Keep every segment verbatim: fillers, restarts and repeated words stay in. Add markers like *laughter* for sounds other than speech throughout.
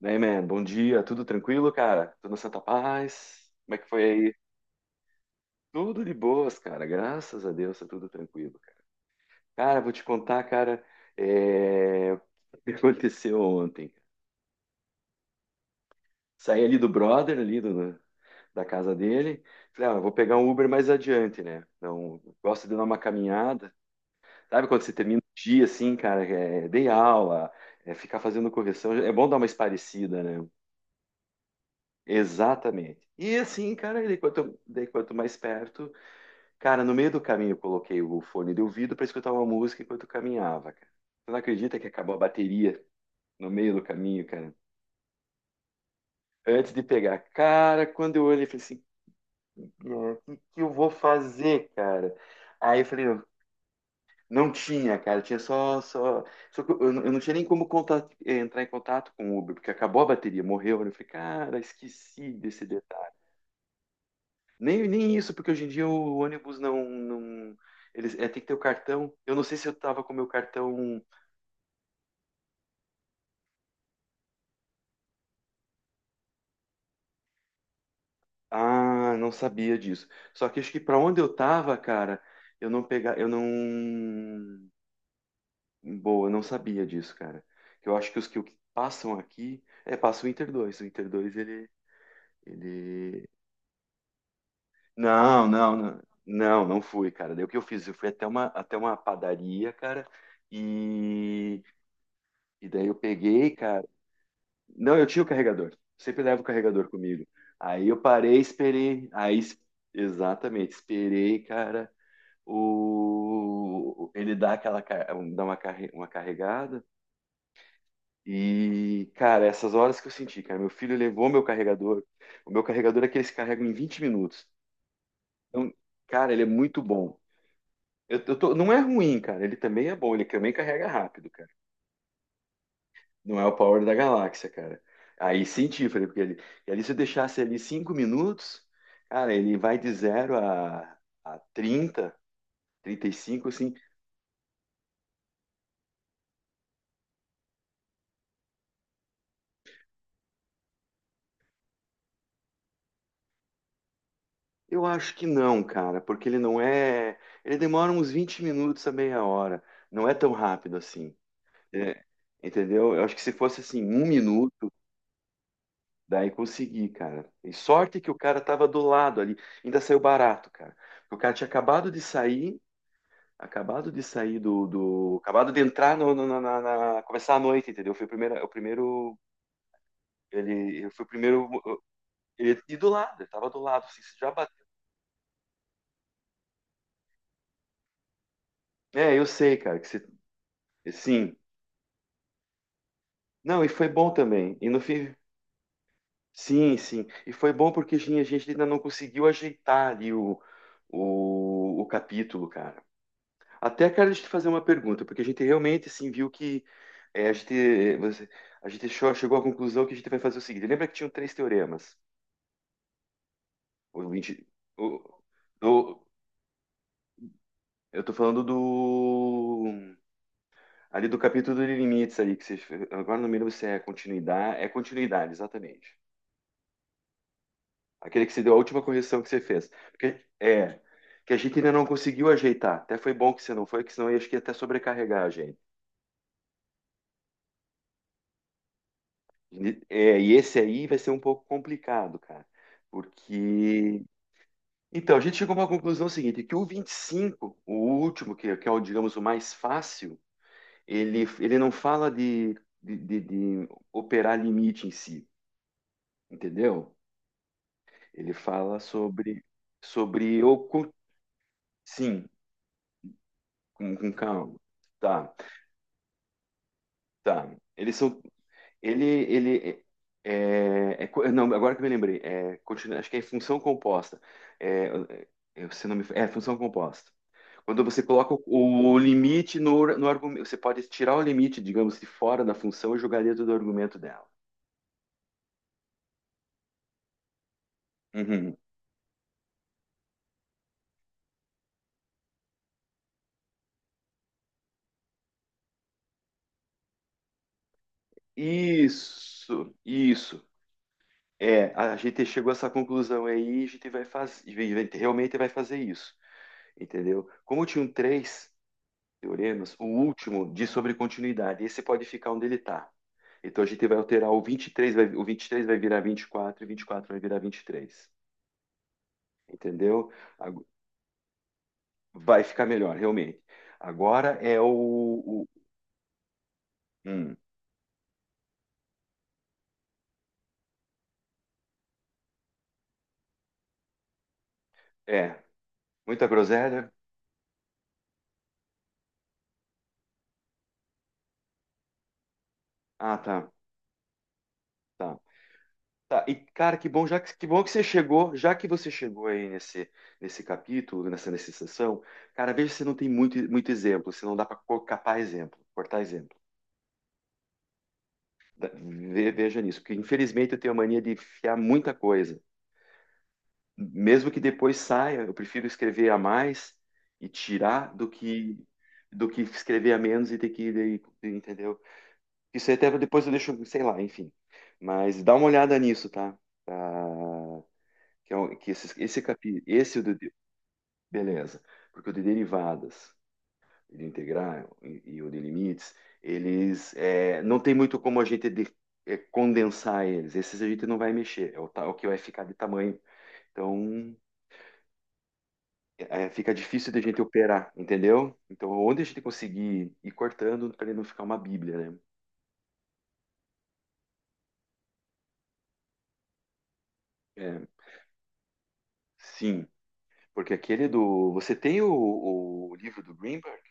Daí, man, bom dia, tudo tranquilo, cara? Tudo na Santa Paz? Como é que foi aí? Tudo de boas, cara, graças a Deus, tá tudo tranquilo, cara. Cara, vou te contar, cara, é, o que aconteceu ontem. Saí ali do brother, ali do- da casa dele, falei, ah, eu vou pegar um Uber mais adiante, né? Então, gosto de dar uma caminhada. Sabe quando você termina o dia, assim, cara, é, dei aula, é, ficar fazendo correção, é bom dar uma esparecida, né? Exatamente. E assim, cara, ele quanto, daí quanto mais perto, cara, no meio do caminho eu coloquei o fone de ouvido para escutar uma música enquanto caminhava, cara. Você não acredita que acabou a bateria no meio do caminho, cara? Antes de pegar, cara, quando eu olhei, eu falei assim, o que que eu vou fazer, cara? Aí eu falei, não, não tinha, cara, tinha só, só, só que eu, eu não eu não tinha nem como contato, eh, entrar em contato com o Uber, porque acabou a bateria, morreu. Eu falei, cara, esqueci desse detalhe. Nem, nem isso, porque hoje em dia o ônibus não, não, eles, é, tem que ter o cartão. Eu não sei se eu tava com o meu cartão. Ah, não sabia disso. Só que acho que para onde eu tava, cara, eu não pegar, eu não, boa, eu não sabia disso, cara. Eu acho que os que o que passam aqui, é, passa o Inter dois. O Inter dois ele ele Não, não, não. Não, não fui, cara. Daí o que eu fiz? Eu fui até uma até uma padaria, cara, e e daí eu peguei, cara. Não, eu tinha o carregador. Sempre levo o carregador comigo. Aí eu parei, esperei. Aí, es- exatamente, esperei, cara. O, ele dá aquela ca- um, dá uma, carre- uma carregada e, cara, essas horas que eu senti, cara, meu filho levou meu carregador. O meu carregador é que eles carregam em vinte minutos. Então, cara, ele é muito bom. Eu, eu tô, não é ruim, cara. Ele também é bom. Ele também carrega rápido, cara. Não é o Power da Galáxia, cara. Aí senti, falei, porque ele, e ali se eu deixasse ali cinco minutos, cara, ele vai de zero a, a trinta, trinta e cinco assim. Eu acho que não, cara, porque ele não é. Ele demora uns vinte minutos a meia hora. Não é tão rápido assim. É, entendeu? Eu acho que se fosse assim, um minuto, daí consegui, cara. E sorte que o cara tava do lado ali. Ainda saiu barato, cara. O cara tinha acabado de sair, acabado de sair do. do- acabado de entrar no, no- na, na- na- começar a noite, entendeu? Foi o primeiro. O primeiro ele foi o primeiro. Ele e do lado, ele tava do lado. Assim, já bateu. É, eu sei, cara, que você. Sim. Não, e foi bom também. E no fim, sim, sim. E foi bom porque a gente ainda não conseguiu ajeitar ali o, o, o capítulo, cara. Até, cara, deixa eu te fazer uma pergunta, porque a gente realmente, assim, viu que é, a gente, você- a gente chegou chegou à conclusão que a gente vai fazer o seguinte. Lembra que tinham três teoremas? O vinte, o, do- eu tô falando do ali do capítulo de limites ali, que você, agora não me lembro se é continuidade, é continuidade, exatamente. Aquele que se deu a última correção que você fez. Porque, é, que a gente ainda não conseguiu ajeitar. Até foi bom que você não foi, que senão eu acho que ia até sobrecarregar a gente. É, e esse aí vai ser um pouco complicado, cara. Porque. Então, a gente chegou a uma conclusão seguinte, que o vinte e cinco, o último, que, é, que é o, digamos, o mais fácil, ele, ele não fala de, de, de- de operar limite em si, entendeu? Ele fala sobre, sobre o... co- sim, com, com calma. Tá. Tá. Eles são. Ele, ele é, é co- não, agora que eu me lembrei, é, continua- acho que é função composta. É, é, se não me, é função composta. Quando você coloca o, o limite no, no argumento, você pode tirar o limite, digamos, de fora da função e jogar dentro do argumento dela. Uhum. Isso, isso. É, a gente chegou a essa conclusão aí, a gente vai fazer, realmente vai fazer isso, entendeu? Como tinha um três teoremas, o último diz sobre continuidade. Esse pode ficar onde ele está. Então a gente vai alterar o vinte e três, vai, o vinte e três vai virar vinte e quatro e vinte e quatro vai virar vinte e três. Entendeu? Vai ficar melhor, realmente. Agora é o. o- hum, é. Muita groselha? Ah, tá. Tá. Tá. E, cara, que bom, já que, que bom que você chegou, já que você chegou aí nesse, nesse capítulo, nessa, nessa sessão, cara, veja se não tem muito, muito exemplo, se não dá para capar exemplo, cortar exemplo. Ve- Veja nisso, porque infelizmente eu tenho a mania de enfiar muita coisa. Mesmo que depois saia, eu prefiro escrever a mais e tirar do que do que escrever a menos e ter que, daí- entendeu? Isso aí até depois eu deixo, sei lá, enfim. Mas dá uma olhada nisso, tá? Tá? que é um- que esse, esse capi, esse do, de- beleza, porque o de derivadas, de integrar e, e o de limites, eles é, não tem muito como a gente de- é, condensar eles. Esses a gente não vai mexer, é o, ta- é o que vai ficar de tamanho. Então, é, é, fica difícil de a gente operar, entendeu? Então, onde a gente conseguir ir cortando para ele não ficar uma bíblia, né? É, sim, porque aquele do... Você tem o, o livro do Greenberg?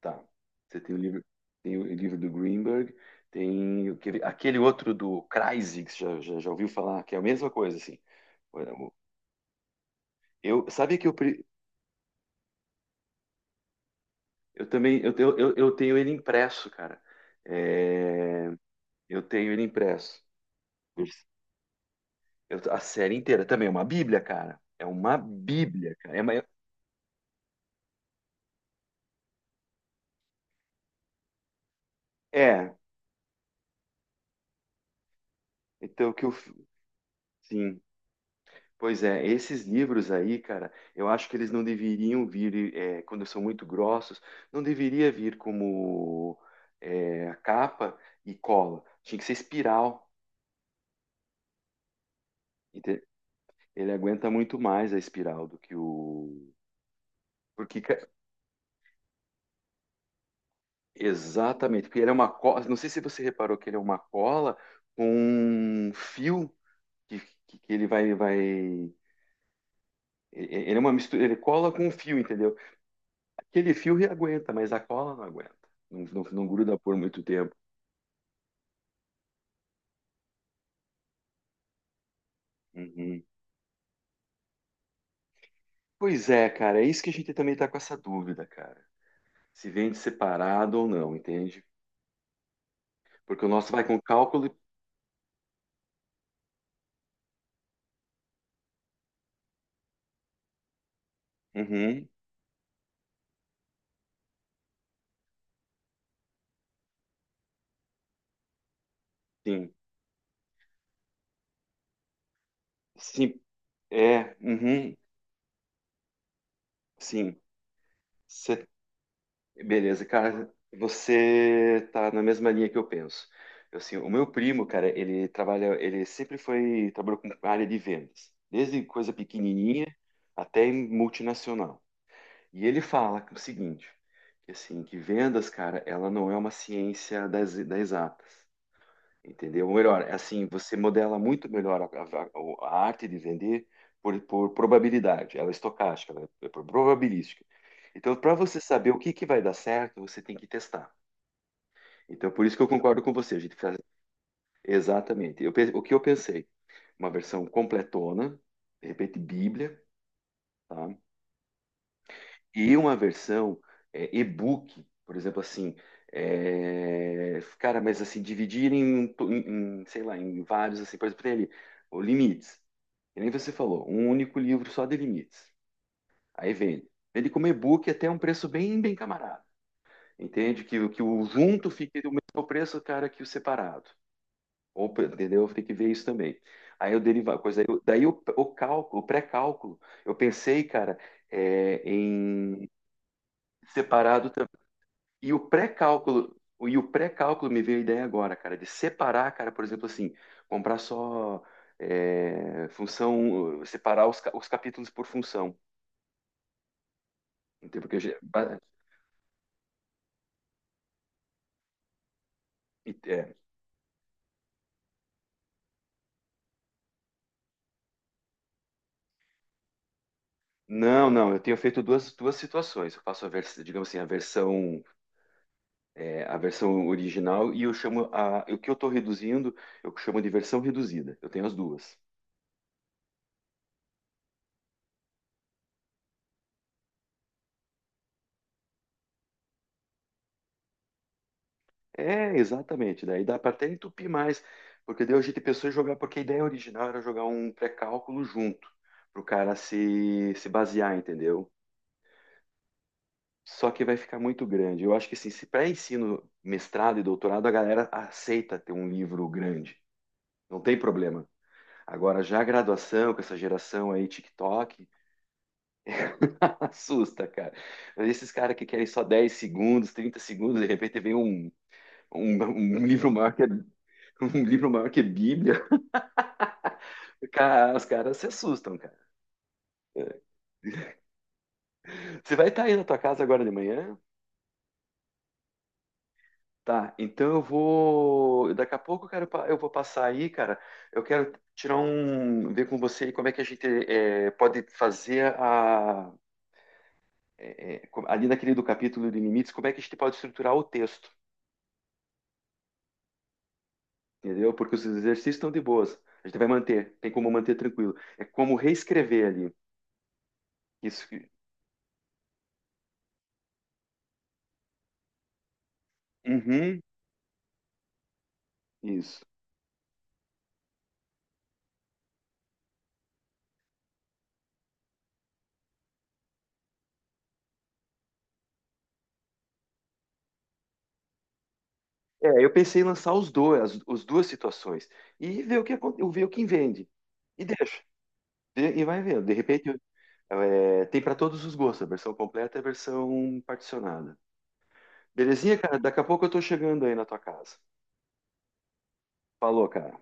Tá. Você tem o livro, tem o livro do Greenberg, tem aquele, aquele outro do Kreisig, que você já, já, já ouviu falar, que é a mesma coisa, assim. Eu, sabe que eu, pre- eu também, eu, tenho- eu, eu tenho ele impresso, cara. É, eu tenho ele impresso. Eu- a série inteira também, é uma bíblia, cara. É uma bíblia, cara. É, uma- é, então o que eu, f- sim. Pois é, esses livros aí, cara, eu acho que eles não deveriam vir, eh, quando são muito grossos, não deveria vir como eh, capa e cola. Tinha que ser espiral. ente- Ele aguenta muito mais a espiral do que o. Porque, ca- exatamente, porque ele é uma cola. Não sei se você reparou que ele é uma cola com um fio que, que, que ele vai, vai. e- e- ele é uma mistura, ele cola com um fio, entendeu? Aquele fio aguenta, mas a cola não aguenta. Não, não, não gruda por muito tempo. Uhum. Pois é, cara, é isso que a gente também tá com essa dúvida, cara. Se vende separado ou não, entende? Porque o nosso vai com cálculo. e- Uhum, sim. Sim, é. Uhum, sim. Cê- Beleza, cara, você tá na mesma linha que eu penso. Eu, assim, o meu primo, cara, ele trabalha, ele sempre foi, trabalhou com área de vendas, desde coisa pequenininha até em multinacional. E ele fala o seguinte, que assim, que vendas, cara, ela não é uma ciência das, das exatas, entendeu? Ou melhor, é assim, você modela muito melhor a, a- a arte de vender por, por probabilidade, ela é estocástica, ela é é por probabilística. Então, para você saber o que que vai dar certo, você tem que testar. Então, por isso que eu concordo com você, a gente faz exatamente. Eu pe- o que eu pensei, uma versão completona, de repente Bíblia, tá? E uma versão é, e-book, por exemplo, assim, é, cara, mas assim, dividir em, em, sei lá, em vários, assim, por exemplo, tem ali, o limites, que nem você falou, um único livro só de limites. Aí vende. Vende como e-book até um preço bem, bem camarada. Entende? Que, o que o junto fique do mesmo preço, cara, que o separado. Ou, entendeu? Tem que ver isso também. Aí eu derivar coisa. Aí eu- Daí o, o cálculo, o pré-cálculo, eu pensei, cara, é, em separado. E o pré-cálculo, e o pré-cálculo me veio a ideia agora, cara, de separar, cara, por exemplo, assim, comprar só é, função, separar os, ca- os capítulos por função. Entendeu? Porque, ge- ba- e- é, não, não, eu tenho feito duas, duas situações. Eu faço a versão, digamos assim, a versão, é, a versão original e eu chamo a, o que eu estou reduzindo, eu chamo de versão reduzida. Eu tenho as duas. É, exatamente. Daí dá para até entupir mais, porque daí a gente pensou em jogar, porque a ideia original era jogar um pré-cálculo junto, para o cara se, se basear, entendeu? Só que vai ficar muito grande. Eu acho que assim, se para ensino, mestrado e doutorado, a galera aceita ter um livro grande, não tem problema. Agora, já a graduação, com essa geração aí, TikTok, *laughs* assusta, cara. Esses caras que querem só dez segundos, trinta segundos, de repente vem um, um, um livro maior que a *laughs* um livro maior que a Bíblia. Cara, os caras se assustam, cara. Você vai estar aí na tua casa agora de manhã? Tá, então eu vou. Daqui a pouco, cara, eu pa- eu vou passar aí, cara. Eu quero tirar um. Ver com você aí como é que a gente eh, pode fazer a eh, eh, co- ali naquele do capítulo de limites, como é que a gente pode estruturar o texto, entendeu? Porque os exercícios estão de boas. A gente vai manter, tem como manter tranquilo. É como reescrever ali. Isso. que- Uhum, isso. É, eu pensei em lançar os dois, as, as duas situações e ver o que acon- ver o que vende e deixa e e vai vendo. De repente é, tem para todos os gostos, a versão completa e a versão particionada. Belezinha, cara? Daqui a pouco eu tô chegando aí na tua casa. Falou, cara.